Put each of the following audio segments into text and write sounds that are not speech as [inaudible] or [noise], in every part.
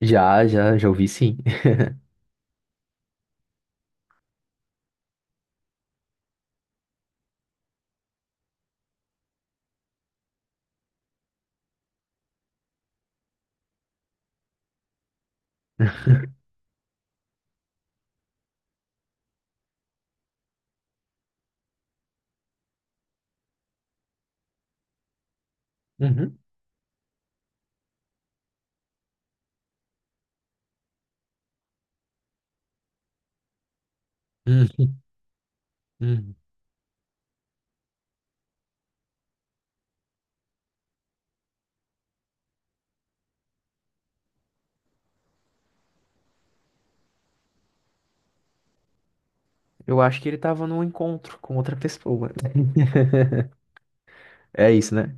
Já, já, já ouvi sim. [laughs] Uhum. Uhum. Uhum. Eu acho que ele tava num encontro com outra pessoa. É isso, né?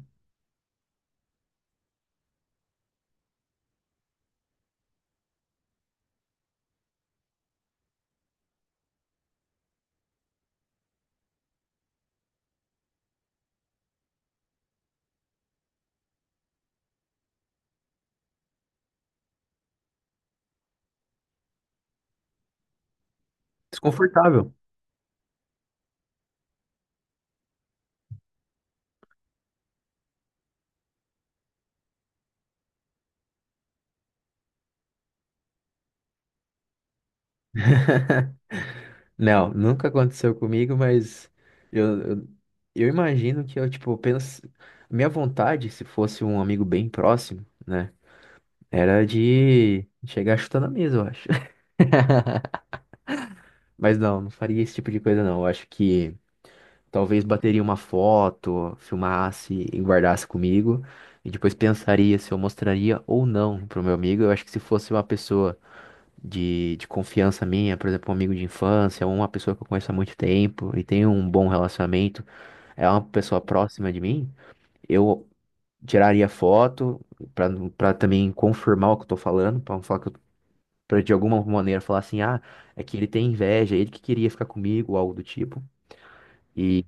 Desconfortável. Não, nunca aconteceu comigo, mas eu, eu, eu imagino que eu, tipo, penso. Minha vontade, se fosse um amigo bem próximo, né? Era de chegar chutando a mesa, eu acho. [laughs] Mas não faria esse tipo de coisa, não. Eu acho que. Talvez bateria uma foto, filmasse e guardasse comigo. E depois pensaria se eu mostraria ou não pro meu amigo. Eu acho que se fosse uma pessoa de confiança minha, por exemplo, um amigo de infância, ou uma pessoa que eu conheço há muito tempo e tenho um bom relacionamento, é uma pessoa próxima de mim. Eu tiraria foto pra para também confirmar o que eu tô falando, pra não falar que eu, pra de alguma maneira falar assim, ah, é que ele tem inveja, é ele que queria ficar comigo, ou algo do tipo. E,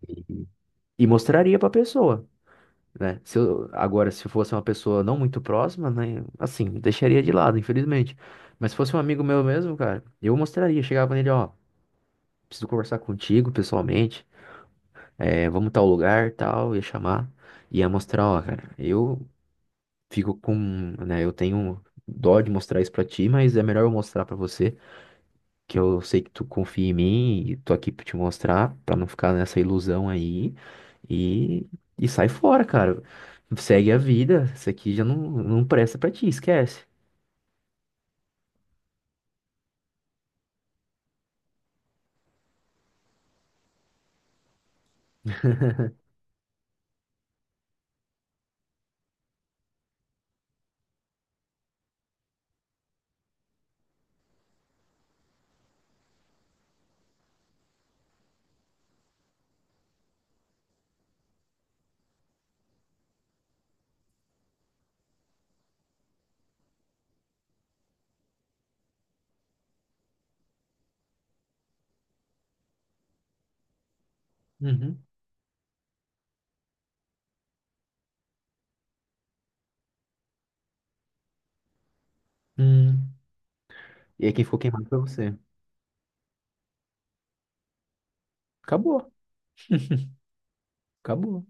e mostraria pra pessoa, né? Se eu, agora, se fosse uma pessoa não muito próxima, né? Assim, deixaria de lado, infelizmente. Mas se fosse um amigo meu mesmo, cara, eu mostraria, chegava nele, ó, preciso conversar contigo pessoalmente, é, vamos tal lugar, tal, ia chamar, ia mostrar, ó, cara, eu fico com, né? Eu tenho dó de mostrar isso pra ti, mas é melhor eu mostrar pra você, que eu sei que tu confia em mim e tô aqui pra te mostrar, pra não ficar nessa ilusão aí. E, e sai fora, cara. Segue a vida. Isso aqui já não presta pra ti, esquece. Uhum. Hum. E aí quem ficou queimado foi você. Acabou, acabou.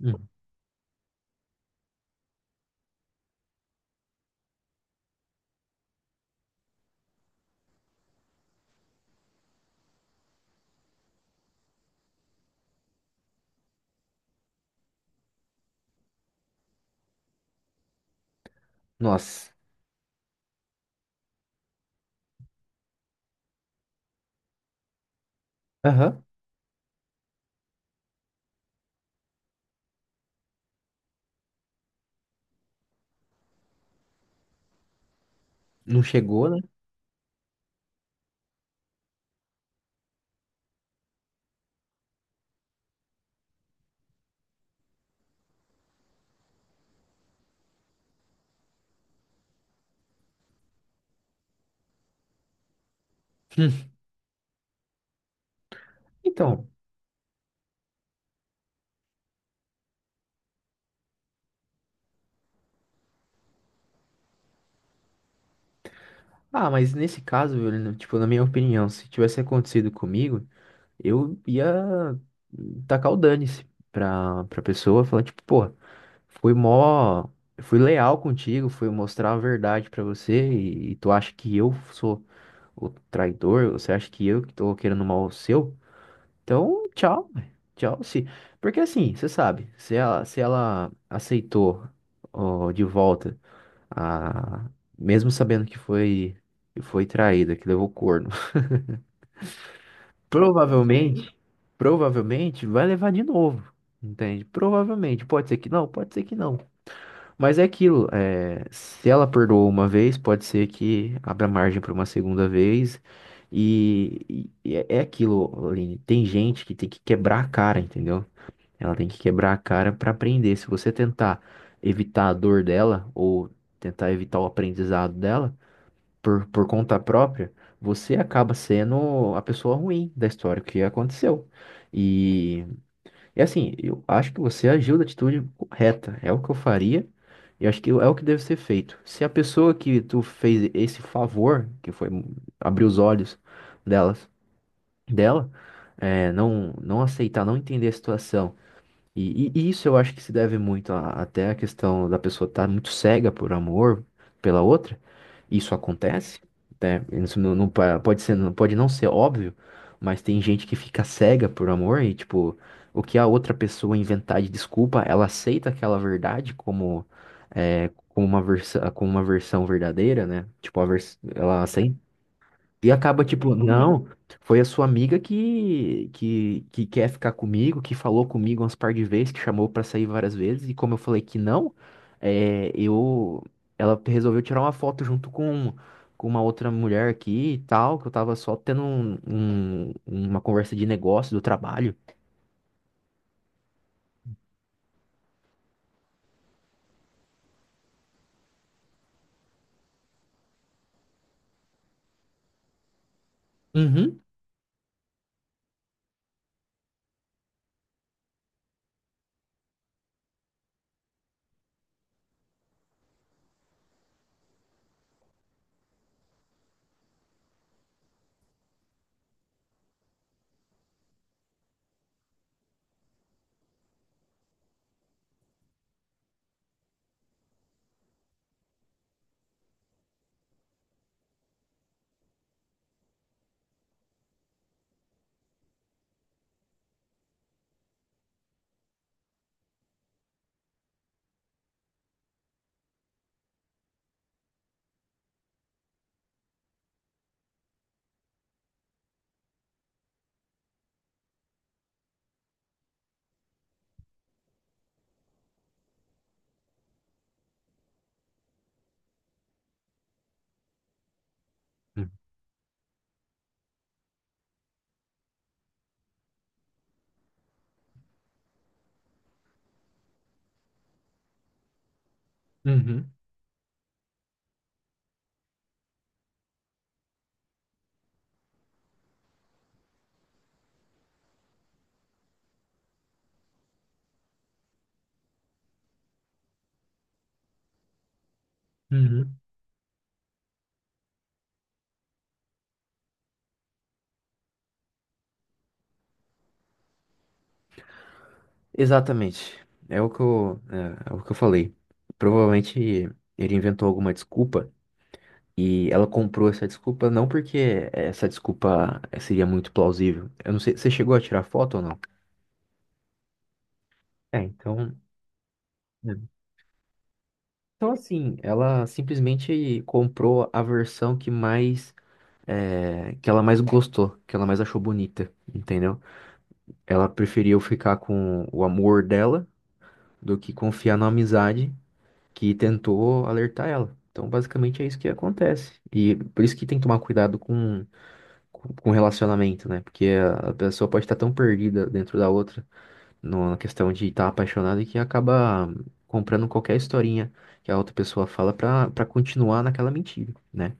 Hum. Nossa. Aham. Não chegou, né? Então. Ah, mas nesse caso, eu não- tipo, na minha opinião, se tivesse acontecido comigo, eu ia tacar o dane-se pra pessoa, falar, tipo, pô. Fui mó, fui leal contigo, fui mostrar a verdade pra você, e tu acha que eu sou o traidor? Você acha que eu que tô querendo mal seu? Então, tchau, ué. Tchau, se, porque assim, você sabe, se ela aceitou, ó, de volta a, mesmo sabendo que foi traída, que levou corno, [laughs] provavelmente, provavelmente vai levar de novo. Entende? Provavelmente. Pode ser que não, pode ser que não. Mas é aquilo, é, se ela perdoou uma vez, pode ser que abra margem para uma segunda vez. E, e- é aquilo, Aline, tem gente que tem que quebrar a cara, entendeu? Ela tem que quebrar a cara para aprender. Se você tentar evitar a dor dela ou tentar evitar o aprendizado dela por conta própria, você acaba sendo a pessoa ruim da história o que aconteceu. E assim, eu acho que você agiu da atitude correta. É o que eu faria e acho que é o que deve ser feito. Se a pessoa que tu fez esse favor, que foi abrir os olhos delas, dela, é, não aceitar, não entender a situação. E isso eu acho que se deve muito até à questão da pessoa estar muito cega por amor pela outra. Isso acontece, né? Isso pode ser, não pode não ser óbvio, mas tem gente que fica cega por amor e tipo, o que a outra pessoa inventar de desculpa, ela aceita aquela verdade como é, como uma versão verdadeira, né? Tipo, a vers ela e acaba tipo, não, foi a sua amiga que quer ficar comigo, que falou comigo umas par de vezes, que chamou pra sair várias vezes, e como eu falei que não, é, eu, ela resolveu tirar uma foto junto com uma outra mulher aqui e tal, que eu tava só tendo uma conversa de negócio do trabalho. Uhum. Uhum. Uhum. Exatamente. É o que eu, é, é o que eu falei. Provavelmente ele inventou alguma desculpa. E ela comprou essa desculpa não porque essa desculpa seria muito plausível. Eu não sei, você chegou a tirar foto ou não? É, então. É. Então, assim, ela simplesmente comprou a versão que mais. Que ela mais gostou, que ela mais achou bonita, entendeu? Ela preferiu ficar com o amor dela do que confiar na amizade que tentou alertar ela. Então, basicamente é isso que acontece. E por isso que tem que tomar cuidado com relacionamento, né? Porque a pessoa pode estar tão perdida dentro da outra, na questão de estar apaixonada, que acaba comprando qualquer historinha que a outra pessoa fala pra continuar naquela mentira, né?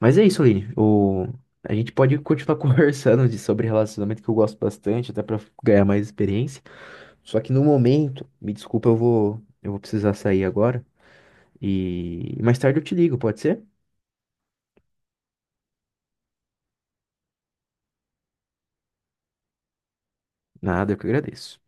Mas é isso, Aline. O... A gente pode continuar [laughs] conversando sobre relacionamento, que eu gosto bastante, até pra ganhar mais experiência. Só que no momento, me desculpa, eu vou precisar sair agora. E mais tarde eu te ligo, pode ser? Nada, eu que agradeço.